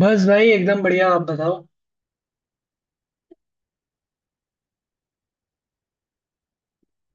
बस भाई एकदम बढ़िया। आप बताओ।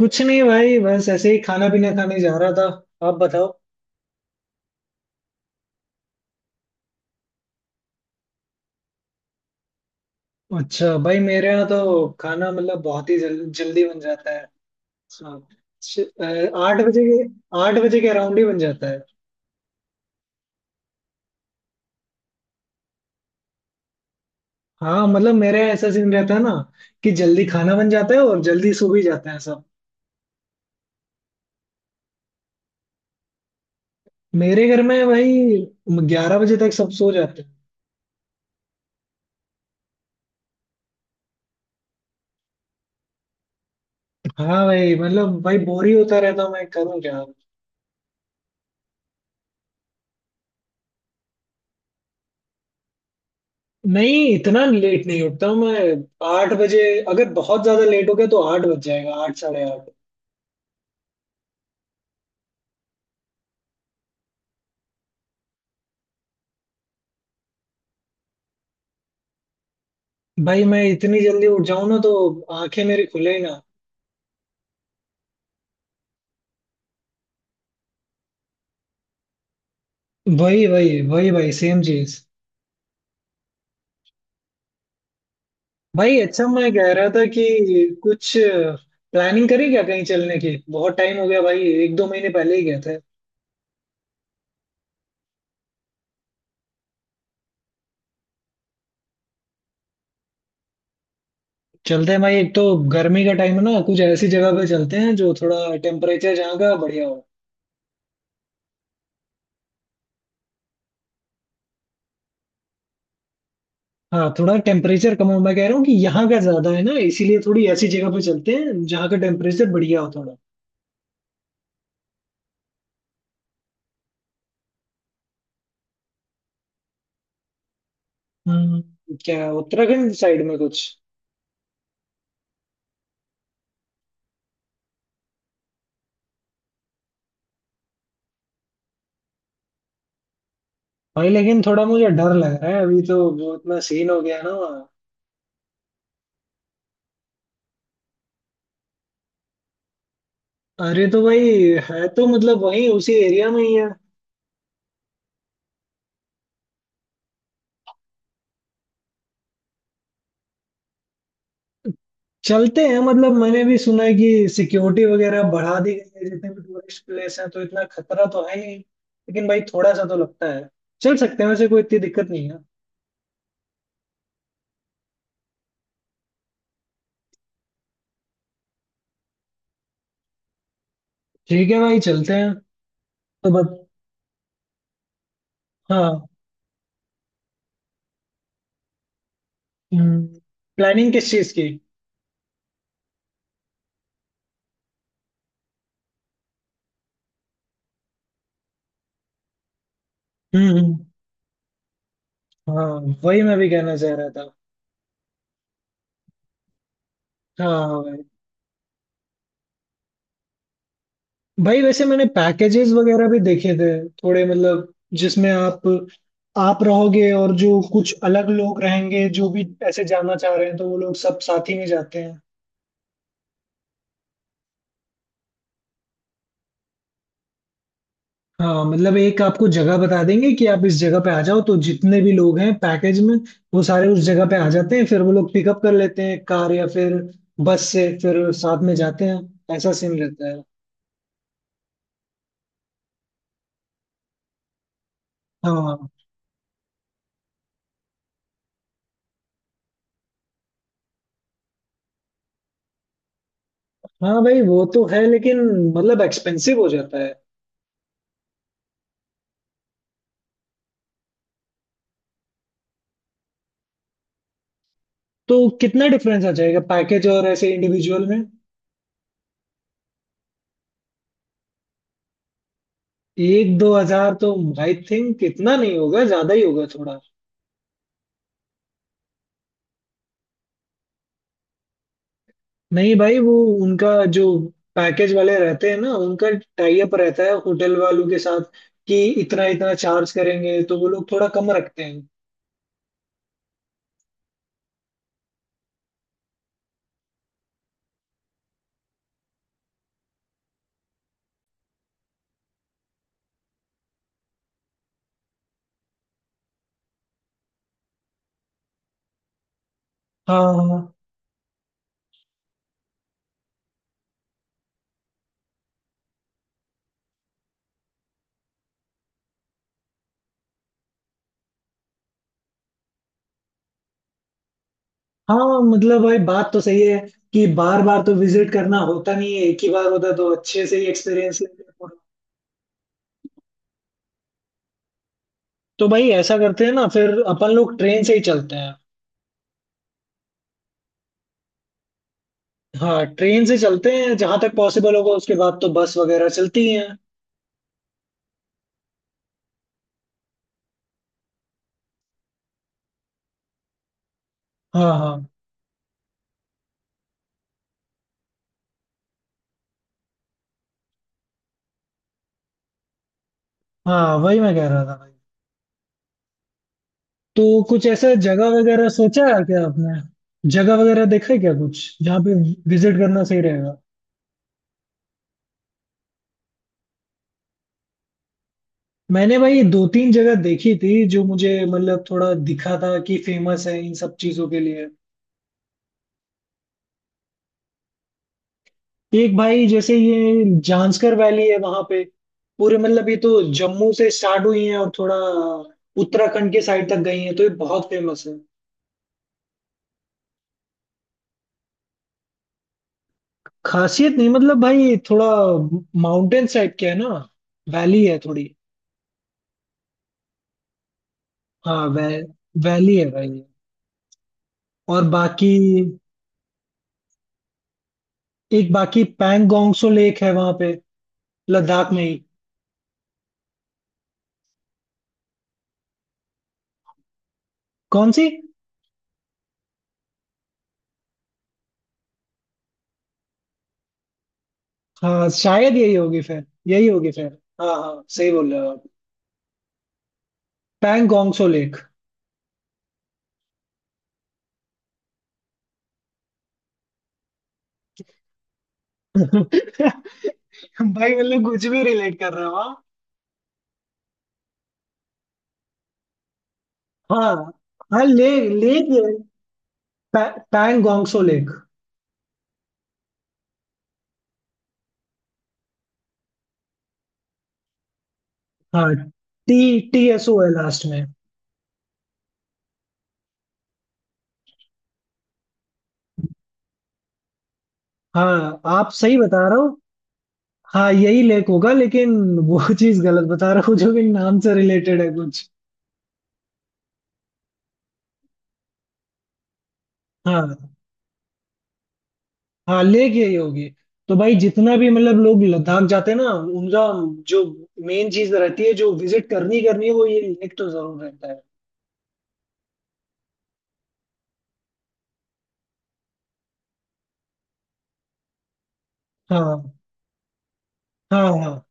कुछ नहीं भाई, बस ऐसे ही खाना पीना खाने जा रहा था। आप बताओ। अच्छा भाई, मेरे यहाँ तो खाना मतलब बहुत ही जल्दी बन जाता है। हाँ। श- अ, आठ बजे के आठ बजे के अराउंड ही बन जाता है। हाँ, मतलब मेरे यहाँ ऐसा सीन रहता है ना कि जल्दी खाना बन जाता है और जल्दी सो भी जाते हैं सब। मेरे घर में भाई 11 बजे तक सब सो जाते हैं। हाँ भाई, मतलब भाई बोर ही होता रहता हूँ, मैं करूँ क्या। नहीं, इतना लेट नहीं उठता हूँ मैं, 8 बजे। अगर बहुत ज्यादा लेट हो गया तो आठ बज जाएगा, 8, 8:30। भाई मैं इतनी जल्दी उठ जाऊं ना तो आंखें मेरी खुले ही ना। वही वही वही भाई, सेम चीज। भाई अच्छा, मैं कह रहा था कि कुछ प्लानिंग करी क्या कहीं चलने की। बहुत टाइम हो गया भाई, 1-2 महीने पहले ही गए थे। चलते हैं भाई। एक तो गर्मी का टाइम है ना, कुछ ऐसी जगह पे चलते हैं जो थोड़ा टेम्परेचर, जहाँ का बढ़िया हो। हाँ, थोड़ा टेम्परेचर कम हो, मैं कह रहा हूँ कि यहाँ का ज्यादा है ना, इसीलिए थोड़ी ऐसी जगह पे चलते हैं जहाँ का टेम्परेचर बढ़िया हो थोड़ा। हम्म, क्या उत्तराखंड साइड में कुछ। भाई लेकिन थोड़ा मुझे डर लग रहा है, अभी तो वो इतना सीन हो गया ना वहाँ। अरे तो भाई, है तो मतलब वही उसी एरिया में ही है। चलते हैं, मतलब मैंने भी सुना है कि सिक्योरिटी वगैरह बढ़ा दी गई है जितने भी टूरिस्ट प्लेस हैं, तो इतना खतरा तो है नहीं, लेकिन भाई थोड़ा सा तो लगता है। चल सकते हैं, वैसे कोई इतनी दिक्कत नहीं है। ठीक है भाई, चलते हैं। तो बस। हाँ। हम्म। प्लानिंग किस चीज की। हम्म, हाँ वही मैं भी कहना चाह रहा था। हाँ भाई। भाई वैसे मैंने पैकेजेस वगैरह भी देखे थे। थोड़े मतलब, जिसमें आप रहोगे और जो कुछ अलग लोग रहेंगे जो भी ऐसे जाना चाह रहे हैं तो वो लोग सब साथ ही में जाते हैं। हाँ, मतलब एक आपको जगह बता देंगे कि आप इस जगह पे आ जाओ, तो जितने भी लोग हैं पैकेज में वो सारे उस जगह पे आ जाते हैं। फिर वो लोग पिकअप कर लेते हैं, कार या फिर बस से, फिर साथ में जाते हैं, ऐसा सीन रहता है। हाँ। हाँ भाई, वो तो है, लेकिन मतलब एक्सपेंसिव हो जाता है। तो कितना डिफरेंस आ जाएगा पैकेज और ऐसे इंडिविजुअल में। 1-2 हजार तो आई थिंक इतना नहीं होगा, ज्यादा ही होगा थोड़ा। नहीं भाई, वो, उनका, जो पैकेज वाले रहते हैं ना, उनका टाई अप रहता है होटल वालों के साथ, कि इतना इतना चार्ज करेंगे, तो वो लोग थोड़ा कम रखते हैं। हाँ। हाँ, मतलब भाई बात तो सही है कि बार बार तो विजिट करना होता नहीं है, एक ही बार होता तो अच्छे से ही एक्सपीरियंस लेते। तो भाई ऐसा करते हैं ना, फिर अपन लोग ट्रेन से ही चलते हैं। हाँ, ट्रेन से चलते हैं जहां तक पॉसिबल होगा, उसके बाद तो बस वगैरह चलती ही है। हाँ हाँ। हाँ वही मैं कह रहा था भाई। तो कुछ ऐसा जगह वगैरह सोचा है क्या आपने। जगह वगैरह देखा है क्या कुछ, जहाँ पे विजिट करना सही रहेगा। मैंने भाई दो तीन जगह देखी थी जो मुझे मतलब थोड़ा दिखा था कि फेमस है इन सब चीजों के लिए। एक भाई, जैसे ये जांस्कर वैली है वहां पे, पूरे मतलब ये तो जम्मू से स्टार्ट हुई है और थोड़ा उत्तराखंड के साइड तक गई है, तो ये बहुत फेमस है। खासियत नहीं मतलब भाई, थोड़ा माउंटेन साइड क्या है ना, वैली है थोड़ी। हाँ, वैली है भाई। और बाकी, एक बाकी पैंगोंगसो लेक है वहां पे, लद्दाख में ही। कौन सी। हाँ शायद यही होगी फिर, यही होगी फिर। हाँ हाँ, सही बोल रहे हो आप। पैंगोंगसो लेक। भाई मतलब कुछ भी रिलेट कर रहे हो हाँ। हाँ, हाँ लेक लेक ये पैंगोंगसो लेक। हाँ, टी टी एस ओ है लास्ट में। हाँ आप सही बता रहे हो। हाँ यही लेक होगा, लेकिन वो चीज गलत बता रहा हूँ जो कि नाम से रिलेटेड है कुछ। हाँ। हाँ, लेक यही होगी। तो भाई जितना भी मतलब लोग लद्दाख जाते हैं ना, उनका जो मेन चीज रहती है जो विजिट करनी करनी है, वो ये लेक तो जरूर रहता है। हाँ हाँ हाँ।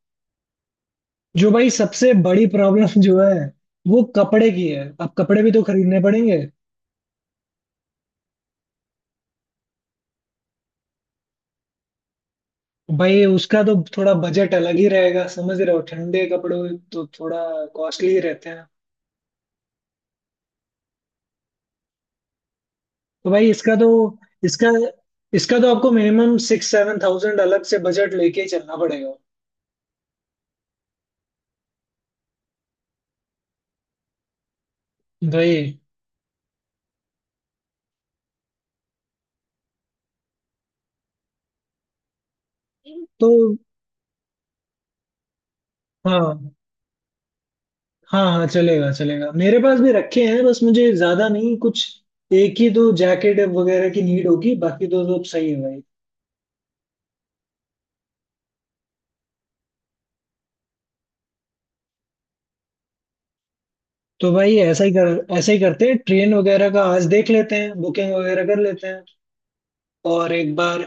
जो भाई सबसे बड़ी प्रॉब्लम जो है वो कपड़े की है, अब कपड़े भी तो खरीदने पड़ेंगे। भाई उसका तो थोड़ा बजट अलग ही रहेगा, समझ रहे हो, ठंडे कपड़े तो थोड़ा कॉस्टली ही रहते हैं। तो भाई इसका तो, इसका इसका तो आपको मिनिमम 6-7 thousand अलग से बजट लेके ही चलना पड़ेगा। भाई। तो। हाँ। हाँ हाँ चलेगा चलेगा, मेरे पास भी रखे हैं, बस मुझे ज्यादा नहीं कुछ, एक ही दो जैकेट वगैरह की नीड होगी, बाकी तो सब सही है भाई। तो भाई ऐसा ही करते हैं, ट्रेन वगैरह का आज देख लेते हैं, बुकिंग वगैरह कर लेते हैं। और एक बार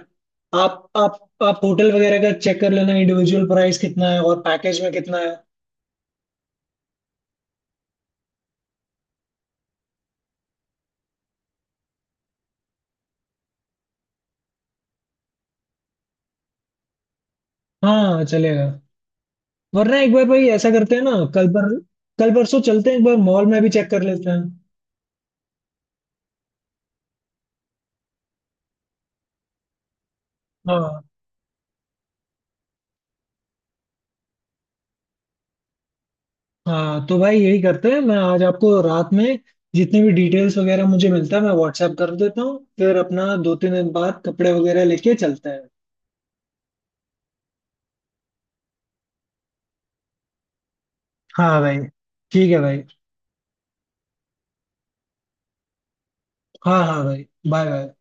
आप होटल वगैरह का चेक कर लेना, इंडिविजुअल प्राइस कितना है और पैकेज में कितना है। हाँ चलेगा। वरना एक बार भाई ऐसा करते हैं ना, कल पर, कल परसों चलते हैं, एक बार मॉल में भी चेक कर लेते हैं। हाँ हाँ। तो भाई यही करते हैं, मैं आज आपको रात में जितनी भी डिटेल्स वगैरह मुझे मिलता है मैं व्हाट्सएप कर देता हूँ, फिर अपना 2-3 दिन बाद कपड़े वगैरह लेके चलते हैं। हाँ भाई। ठीक है भाई। हाँ हाँ भाई, बाय बाय।